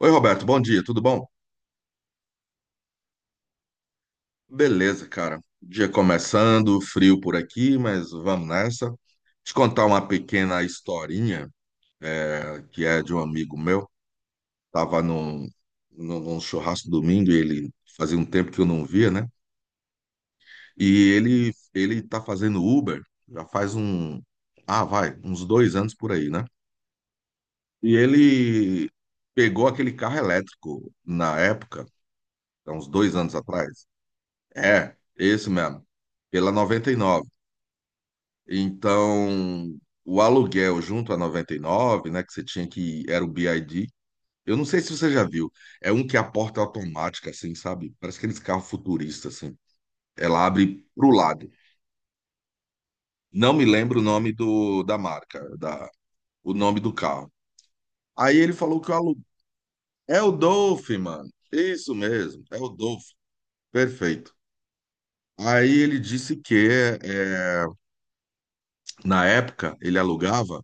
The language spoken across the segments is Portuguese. Oi, Roberto, bom dia, tudo bom? Beleza, cara. Dia começando, frio por aqui, mas vamos nessa. Te contar uma pequena historinha, que é de um amigo meu. Tava num churrasco domingo e ele fazia um tempo que eu não via, né? E ele tá fazendo Uber já faz uns dois anos por aí, né? E ele pegou aquele carro elétrico na época, há uns dois anos atrás. É, esse mesmo, pela 99. Então, o aluguel junto a 99, né, que você tinha que era o BID. Eu não sei se você já viu. É um que é a porta é automática assim, sabe? Parece aqueles carros futuristas assim. Ela abre pro lado. Não me lembro o nome do da marca, da o nome do carro. Aí ele falou que o aluguel é o Dolph, mano. Isso mesmo, é o Dolph. Perfeito. Aí ele disse que é, na época ele alugava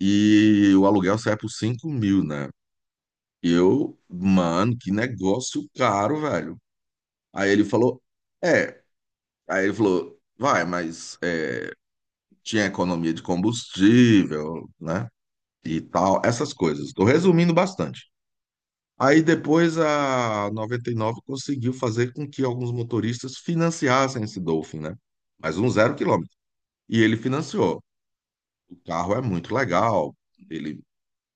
e o aluguel sai por 5 mil, né? E eu, mano, que negócio caro, velho. Aí ele falou, é. Aí ele falou, vai, mas tinha economia de combustível, né? E tal, essas coisas. Tô resumindo bastante. Aí depois a 99 conseguiu fazer com que alguns motoristas financiassem esse Dolphin, né? Mas um zero quilômetro. E ele financiou. O carro é muito legal. Ele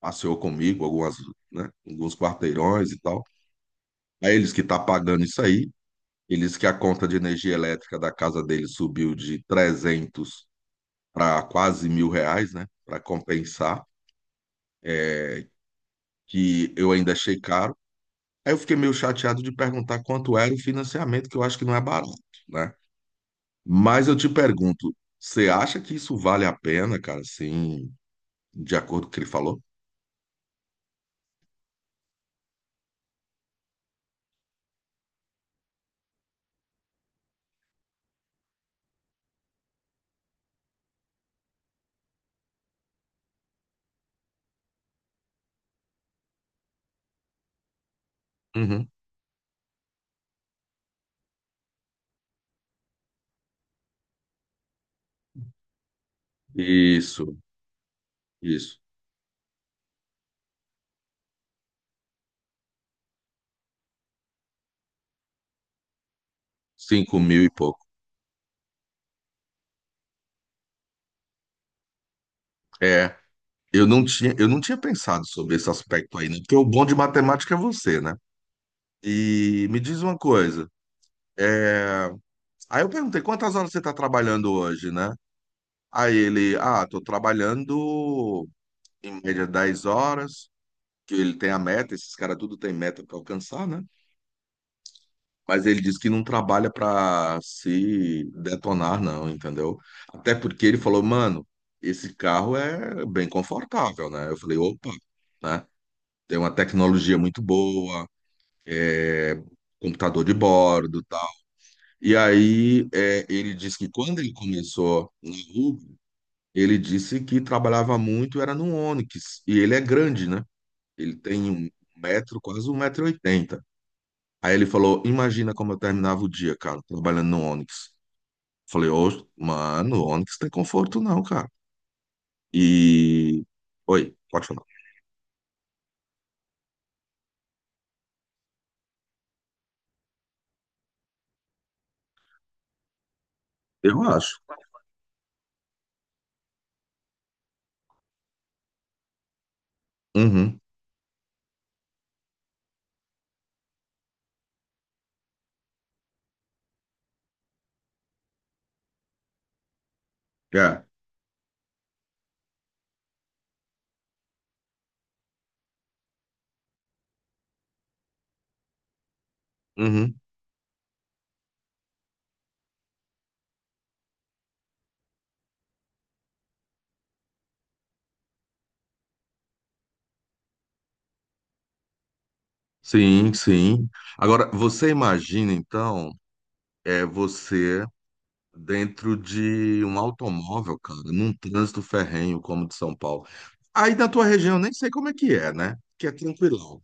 passeou comigo algumas, né, alguns quarteirões e tal. Aí eles que tá pagando isso aí. Ele disse que a conta de energia elétrica da casa dele subiu de 300 para quase mil reais, né? Para compensar, é, que eu ainda achei caro. Aí eu fiquei meio chateado de perguntar quanto era o financiamento, que eu acho que não é barato, né? Mas eu te pergunto, você acha que isso vale a pena, cara? Sim, de acordo com o que ele falou? Uhum. Isso, isso. Cinco mil e pouco. É, eu não tinha pensado sobre esse aspecto aí, né? Porque o bom de matemática é você, né? E me diz uma coisa. é, Aí eu perguntei, quantas horas você está trabalhando hoje, né? Aí ele, ah, tô trabalhando em média 10 horas, que ele tem a meta, esses caras tudo tem meta para alcançar, né? Mas ele disse que não trabalha para se detonar, não, entendeu? Até porque ele falou, mano, esse carro é bem confortável, né? Eu falei, opa, né? Tem uma tecnologia muito boa, é, computador de bordo. E aí, ele disse que quando ele começou na Uber, ele disse que trabalhava muito, era no Onix. E ele é grande, né? Ele tem um metro, quase um metro e oitenta. Aí ele falou, imagina como eu terminava o dia, cara, trabalhando no Onix. Falei, ô, mano, Onix tem conforto não, cara. E... Oi, pode falar. Eu acho. Uhum, é. Uhum. Sim, sim. Agora, você imagina, então, você dentro de um automóvel, cara, num trânsito ferrenho como o de São Paulo. Aí na tua região, eu nem sei como é que é, né? Que é tranquilão.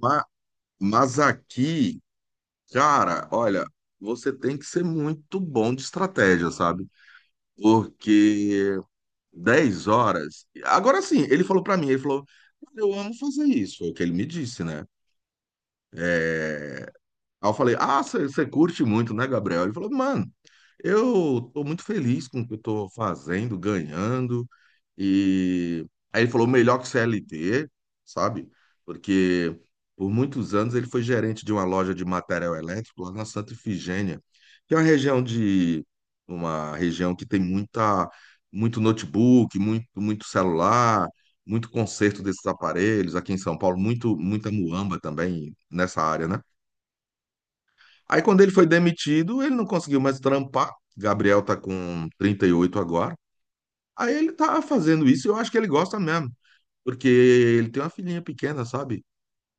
Ma- Mas aqui, cara, olha, você tem que ser muito bom de estratégia, sabe? Porque 10 horas. Agora sim, ele falou pra mim, ele falou, "Cara, eu amo fazer isso", é o que ele me disse, né? É, Aí eu falei, ah, você curte muito, né, Gabriel? Ele falou, mano, eu tô muito feliz com o que eu tô fazendo, ganhando. E aí ele falou, melhor que CLT, sabe? Porque por muitos anos ele foi gerente de uma loja de material elétrico lá na Santa Ifigênia, que é uma região que tem muita muito notebook, muito celular, muito conserto desses aparelhos aqui em São Paulo, muito muita muamba também nessa área, né? Aí quando ele foi demitido, ele não conseguiu mais trampar. Gabriel tá com 38 agora. Aí ele tá fazendo isso, e eu acho que ele gosta mesmo, porque ele tem uma filhinha pequena, sabe?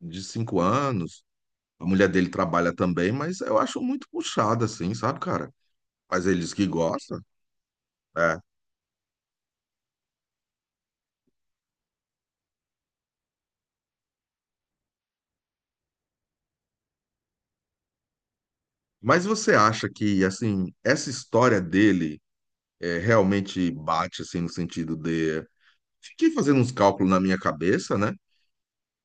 De 5 anos. A mulher dele trabalha também, mas eu acho muito puxada assim, sabe, cara? Mas ele diz que gosta, é. Mas você acha que assim, essa história dele realmente bate assim no sentido de... Fiquei fazendo uns cálculos na minha cabeça, né?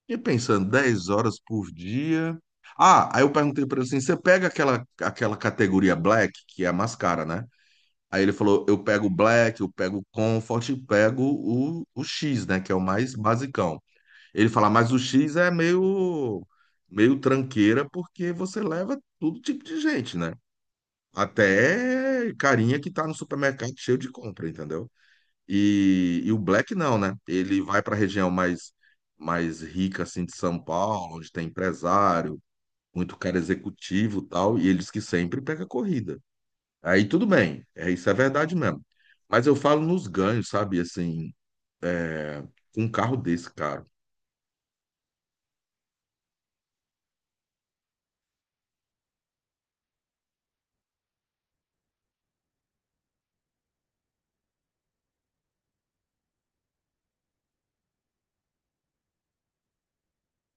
E pensando, 10 horas por dia. Ah, aí eu perguntei pra ele assim: você pega aquela categoria black, que é a mais cara, né? Aí ele falou: eu pego o black, eu pego o comfort e pego o X, né? Que é o mais basicão. Ele fala: mas o X é meio tranqueira, porque você leva todo tipo de gente, né? Até carinha que tá no supermercado cheio de compra, entendeu? E o Black não, né? Ele vai para a região mais rica assim de São Paulo, onde tem empresário, muito cara executivo e tal, e ele diz que sempre pega corrida. Aí tudo bem, isso é verdade mesmo. Mas eu falo nos ganhos, sabe? Assim, é, com um carro desse, cara.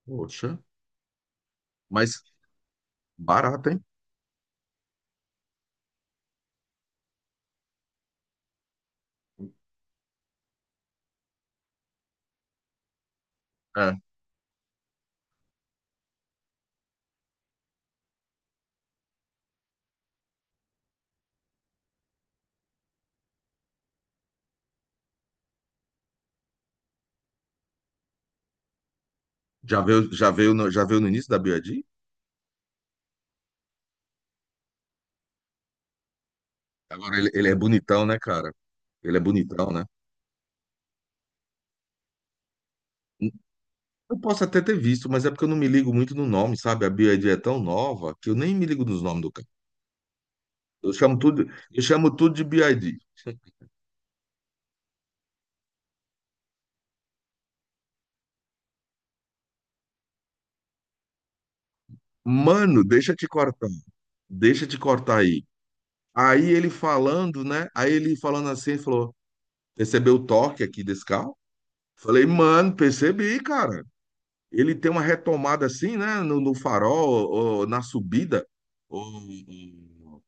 Poxa, mas barato, hein? É. Já veio, já veio no início da BYD? Agora ele, ele é bonitão, né, cara? Ele é bonitão, né? Eu posso até ter visto, mas é porque eu não me ligo muito no nome, sabe? A BYD é tão nova que eu nem me ligo nos nomes do carro. Eu chamo tudo, eu chamo tudo de BYD. Mano, deixa eu te cortar. Deixa eu te cortar aí. Aí ele falando, né? Aí ele falando assim, ele falou: percebeu o torque aqui desse carro? Falei, mano, percebi, cara. Ele tem uma retomada assim, né? No farol, ou na subida. Ô, ô,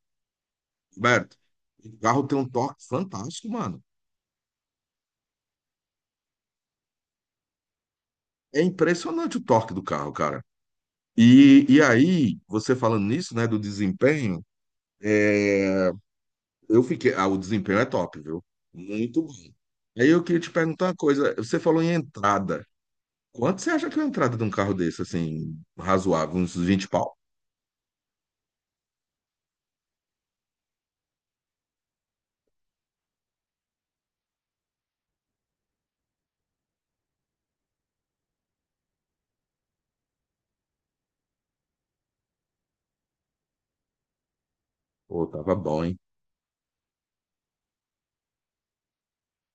Roberto, o carro tem um torque fantástico, mano. É impressionante o torque do carro, cara. E aí, você falando nisso, né, do desempenho, é, eu fiquei. Ah, o desempenho é top, viu? Muito bom. Aí eu queria te perguntar uma coisa. Você falou em entrada. Quanto você acha que é a entrada de um carro desse, assim, razoável? Uns 20 pau? Pô, tava bom, hein?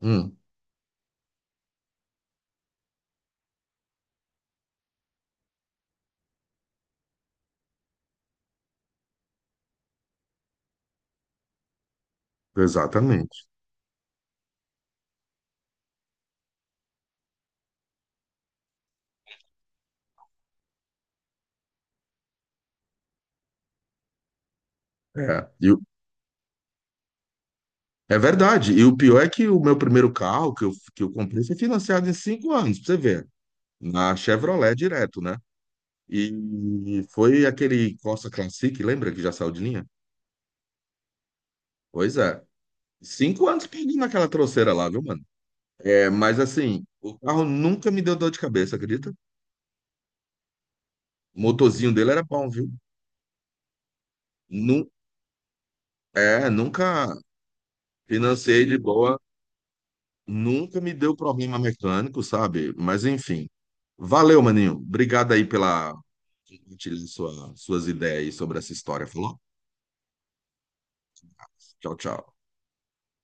Hum, exatamente. É, e o... é verdade. E o pior é que o meu primeiro carro que eu comprei foi financiado em cinco anos, pra você ver. Na Chevrolet direto, né? E foi aquele Corsa Classic, lembra que já saiu de linha? Pois é. Cinco anos perdendo aquela trouxeira lá, viu, mano? É, mas assim, o carro nunca me deu dor de cabeça, acredita? O motorzinho dele era bom, viu? Nu nunca financei de boa, nunca me deu problema mecânico, sabe? Mas enfim. Valeu, maninho. Obrigado aí pela compartilhar suas ideias aí sobre essa história, falou? Tchau, tchau.